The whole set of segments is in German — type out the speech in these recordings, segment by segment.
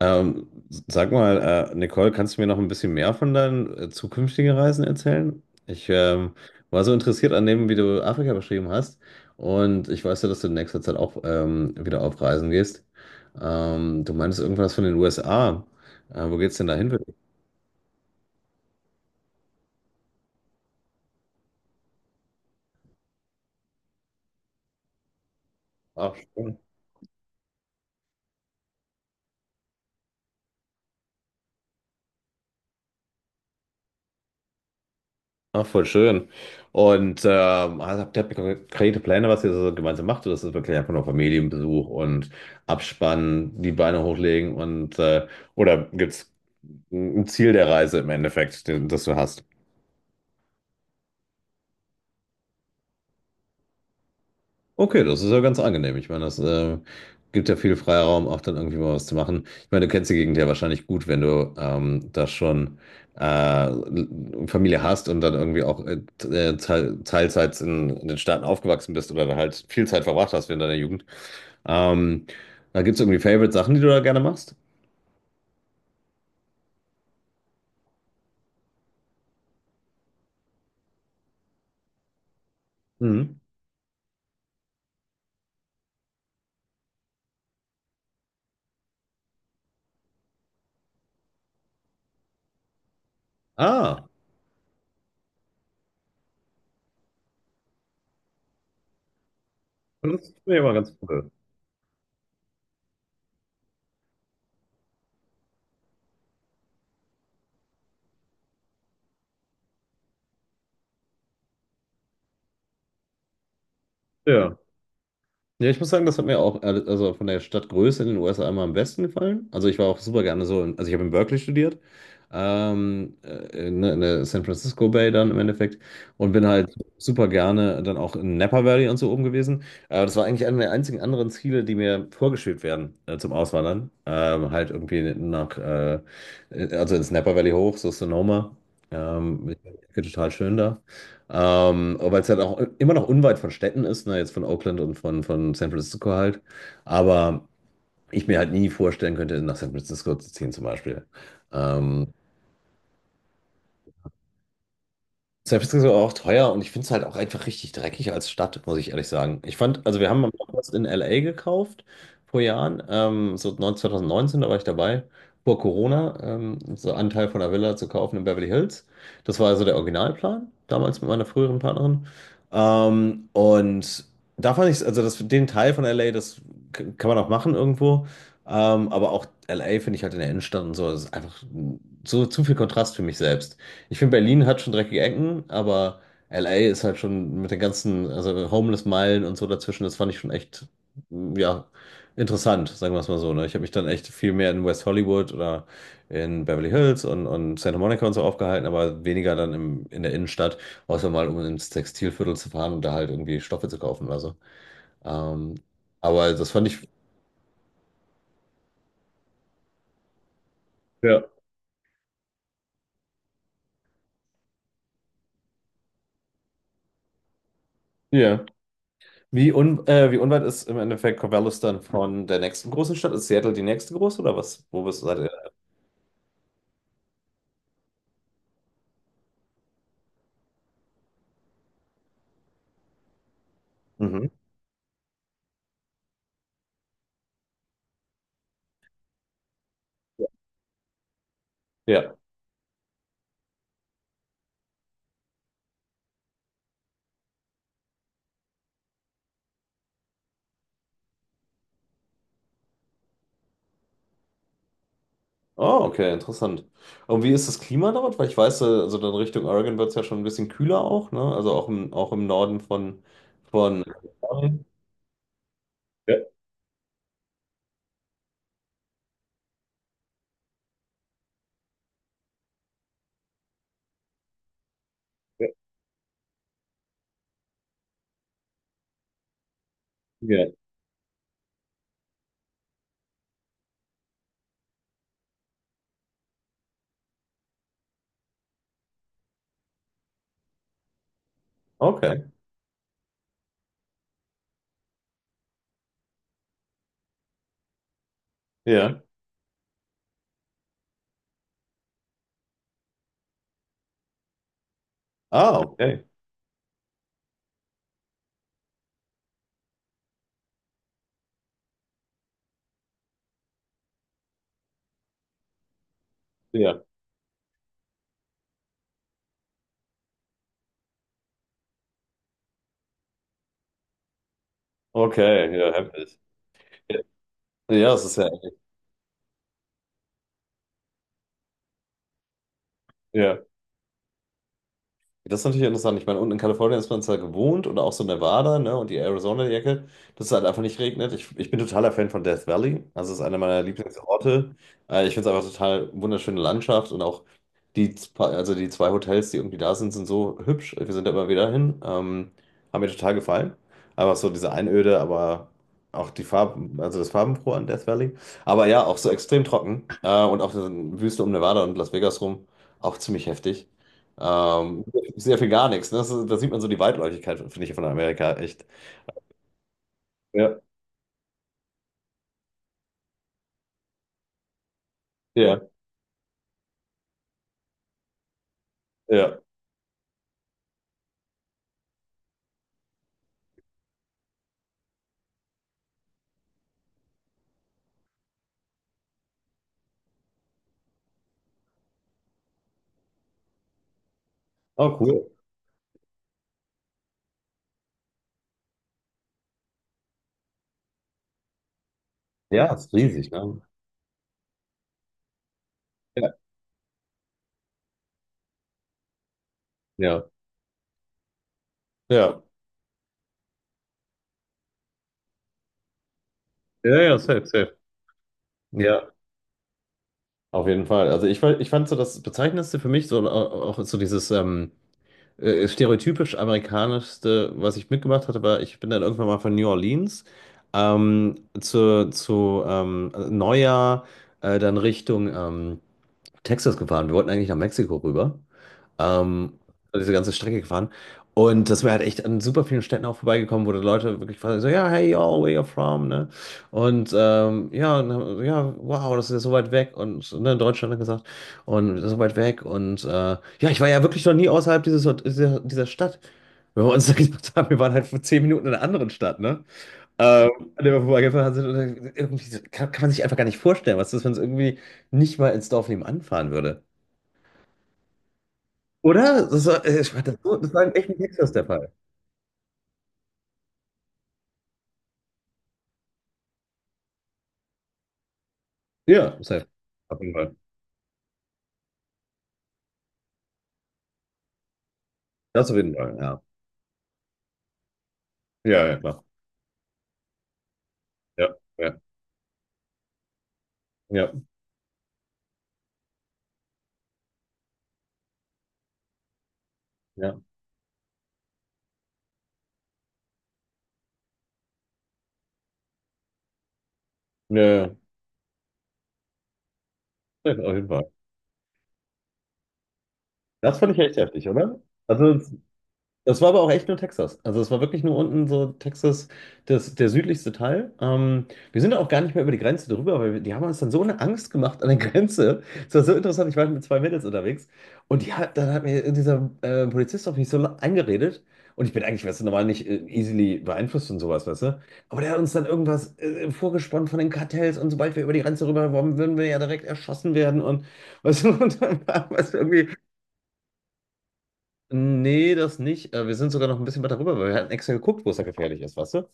Ähm, Sag mal, Nicole, kannst du mir noch ein bisschen mehr von deinen zukünftigen Reisen erzählen? Ich war so interessiert an dem, wie du Afrika beschrieben hast. Und ich weiß ja, dass du in nächster Zeit auch wieder auf Reisen gehst. Du meintest irgendwas von den USA. Wo geht's denn da hin für dich? Ach. Ach, voll schön. Und also habt ihr konkrete Pläne, was ihr so gemeinsam macht? Oder ist das wirklich einfach nur Familienbesuch und Abspannen, die Beine hochlegen oder gibt es ein Ziel der Reise im Endeffekt, den, das du hast? Okay, das ist ja ganz angenehm. Ich meine, das gibt ja viel Freiraum, auch dann irgendwie mal was zu machen. Ich meine, du kennst die Gegend ja wahrscheinlich gut, wenn du da schon äh, Familie hast und dann irgendwie auch Teilzeit in den Staaten aufgewachsen bist oder da halt viel Zeit verbracht hast während deiner Jugend. Ähm, Da gibt es irgendwie Favorite Sachen, die du da gerne machst? Mhm. Ah, das ist mir immer ganz cool. Ja. Ja, ich muss sagen, das hat mir auch, also von der Stadtgröße in den USA immer am besten gefallen. Also ich war auch super gerne also ich habe in Berkeley studiert, ne, in der San Francisco Bay dann im Endeffekt und bin halt super gerne dann auch in Napa Valley und so oben gewesen. Aber das war eigentlich einer der einzigen anderen Ziele, die mir vorgeschwebt werden zum Auswandern. Halt irgendwie nach also ins Napa Valley hoch, so Sonoma. Ich fand die Ecke total schön, aber weil es halt auch immer noch unweit von Städten ist, ne, jetzt von Oakland und von San Francisco halt. Aber ich mir halt nie vorstellen könnte, nach San Francisco zu ziehen zum Beispiel. Ähm, San Francisco war auch teuer und ich finde es halt auch einfach richtig dreckig als Stadt, muss ich ehrlich sagen. Ich fand, also wir haben auch was in LA gekauft vor Jahren, so 9 2019, da war ich dabei, vor Corona, so einen Teil von einer Villa zu kaufen in Beverly Hills. Das war also der Originalplan, damals mit meiner früheren Partnerin. Und da fand ich es, also das, den Teil von LA, das kann man auch machen irgendwo. Aber auch LA finde ich halt in der Innenstadt und so, das ist einfach so zu viel Kontrast für mich selbst. Ich finde, Berlin hat schon dreckige Ecken, aber LA ist halt schon mit den ganzen, also Homeless-Meilen und so dazwischen, das fand ich schon echt, ja, interessant, sagen wir es mal so. Ne? Ich habe mich dann echt viel mehr in West Hollywood oder in Beverly Hills und Santa Monica und so aufgehalten, aber weniger dann in der Innenstadt, außer mal um ins Textilviertel zu fahren und da halt irgendwie Stoffe zu kaufen oder so. Ähm, aber das fand ich, ja, ja. Wie unweit ist im Endeffekt Corvallis dann von der nächsten großen Stadt? Ist Seattle die nächste große oder was? Wo bist du? Mhm. Ja. Oh, okay, interessant. Und wie ist das Klima dort? Weil ich weiß, also dann Richtung Oregon wird es ja schon ein bisschen kühler auch, ne? Also auch im Norden von, von. Ja, ja, ja. Okay. Ja. Ah, okay. Ja. Okay, ja, heftig. Ja, ja, es ist ja. Ja. Ja, das ist natürlich interessant. Ich meine, unten in Kalifornien ist man zwar gewohnt oder auch so Nevada, ne, und die Arizona-Ecke, dass es halt einfach nicht regnet. Ich bin totaler Fan von Death Valley. Also es ist einer meiner Lieblingsorte. Ich finde es einfach total wunderschöne Landschaft und auch also die zwei Hotels, die irgendwie da sind, sind so hübsch. Wir sind da immer wieder hin. Haben mir total gefallen. Einfach so diese Einöde, aber auch die Farben, also das Farbenfrohe an Death Valley. Aber ja, auch so extrem trocken. Und auch die Wüste um Nevada und Las Vegas rum, auch ziemlich heftig. Ähm, Sehr viel gar nichts. Ne? Da sieht man so die Weitläufigkeit, finde ich, von Amerika echt. Ja, ja, ja. Oh, cool. Ja, ist riesig, ne? Ja, ja, ja. Ja, ja, safe, safe. Ja, auf jeden Fall. Ich fand so das Bezeichnendste für mich, so auch so dieses stereotypisch amerikanischste, was ich mitgemacht hatte, war, ich bin dann irgendwann mal von New Orleans zu Neujahr dann Richtung Texas gefahren. Wir wollten eigentlich nach Mexiko rüber. Ähm, also diese ganze Strecke gefahren. Und das wäre halt echt an super vielen Städten auch vorbeigekommen, wo die Leute wirklich fragen, so, ja, hey, y'all, where you from, ne? Und ja, wow, das ist ja so weit weg und so, ne, in Deutschland hat er gesagt, und so weit weg und ja, ich war ja wirklich noch nie außerhalb dieser Stadt. Wenn wir uns dann gedacht haben, wir waren halt vor 10 Minuten in einer anderen Stadt, ne? Ähm, An der wir vorbeigefahren sind und dann irgendwie kann man sich einfach gar nicht vorstellen, was das, wenn es irgendwie nicht mal ins Dorf nebenan fahren würde. Oder? Das war, ich war das, so- Das war in echten Texas der Fall. Ja, safe. Auf jeden Fall. Das auf jeden Fall, ja. Ja, ja, klar. Ja, ja, ja, ja. Ja, ja. Safe, auf jeden Fall. Das fand ich echt heftig, oder? Also, das war aber auch echt nur Texas. Also es war wirklich nur unten so Texas, das, der südlichste Teil. Wir sind auch gar nicht mehr über die Grenze drüber, weil wir, die haben uns dann so eine Angst gemacht an der Grenze. Es war so interessant, ich war halt mit zwei Mädels unterwegs und die hat, dann hat mir dieser Polizist auf mich so eingeredet und ich bin eigentlich, weißt du, normal nicht easily beeinflusst und sowas, weißt du. Aber der hat uns dann irgendwas vorgesponnen von den Kartells und sobald wir über die Grenze rüber waren, würden wir ja direkt erschossen werden und weißt du, und dann war es irgendwie. Nee, das nicht. Wir sind sogar noch ein bisschen weiter rüber, weil wir hatten extra geguckt, wo es da gefährlich ist, weißt du?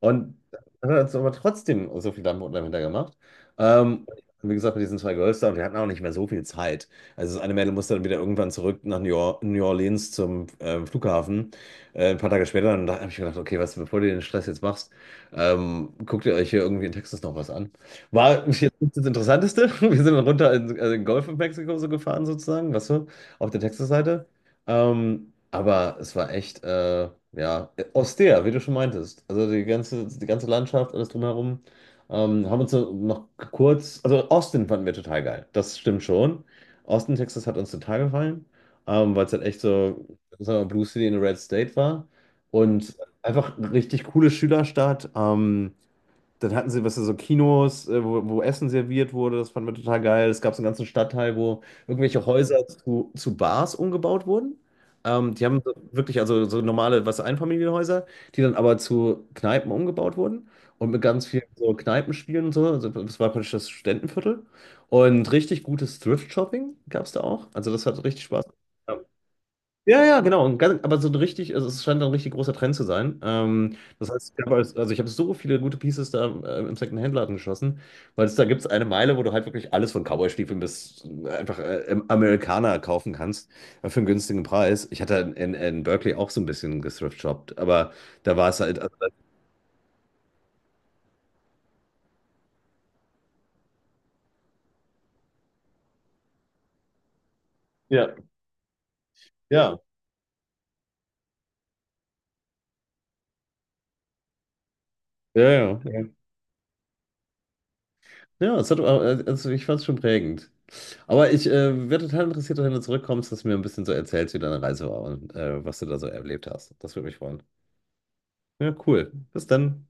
Und dann hat uns aber trotzdem so viel Dampf unten dahinter gemacht. Ähm, Wie gesagt, mit diesen zwei Girls da, und wir hatten auch nicht mehr so viel Zeit. Also das eine Mädel musste dann wieder irgendwann zurück nach New Orleans zum Flughafen. Ein paar Tage später, und da habe ich gedacht, okay, was, bevor du den Stress jetzt machst, guckt ihr euch hier irgendwie in Texas noch was an. War jetzt nicht das Interessanteste. Wir sind dann runter in, also in den Golf in Mexiko so gefahren sozusagen, weißt du, auf der Texas-Seite. Aber es war echt, ja, austere, wie du schon meintest. Also die ganze Landschaft, alles drumherum. Haben uns noch kurz, also Austin fanden wir total geil. Das stimmt schon. Austin, Texas hat uns total gefallen, weil es halt echt so, sagen wir mal, Blue City in a Red State war. Und einfach richtig coole Schülerstadt. Dann hatten sie, was so Kinos, wo Essen serviert wurde, das fanden wir total geil. Es gab so einen ganzen Stadtteil, wo irgendwelche Häuser zu Bars umgebaut wurden. Die haben so wirklich, also so normale, was Einfamilienhäuser, die dann aber zu Kneipen umgebaut wurden und mit ganz vielen so Kneipenspielen und so. Also das war praktisch das Studentenviertel. Und richtig gutes Thrift-Shopping gab es da auch. Also das hat richtig Spaß gemacht. Ja, ja, genau. Und ganz, aber so ein richtig, also es scheint ein richtig großer Trend zu sein. Das heißt, also ich habe so viele gute Pieces da im Second-Hand-Laden geschossen, weil es da gibt es eine Meile, wo du halt wirklich alles von Cowboy-Stiefeln bis einfach im Amerikaner kaufen kannst für einen günstigen Preis. Ich hatte in Berkeley auch so ein bisschen gethrift-shoppt, aber da war es halt. Also, ja, ja. Ja, ja. Ja, es hat, also ich fand es schon prägend. Aber ich wäre total interessiert, wenn du zurückkommst, dass du mir ein bisschen so erzählst, wie deine Reise war und was du da so erlebt hast. Das würde mich freuen. Ja, cool. Bis dann.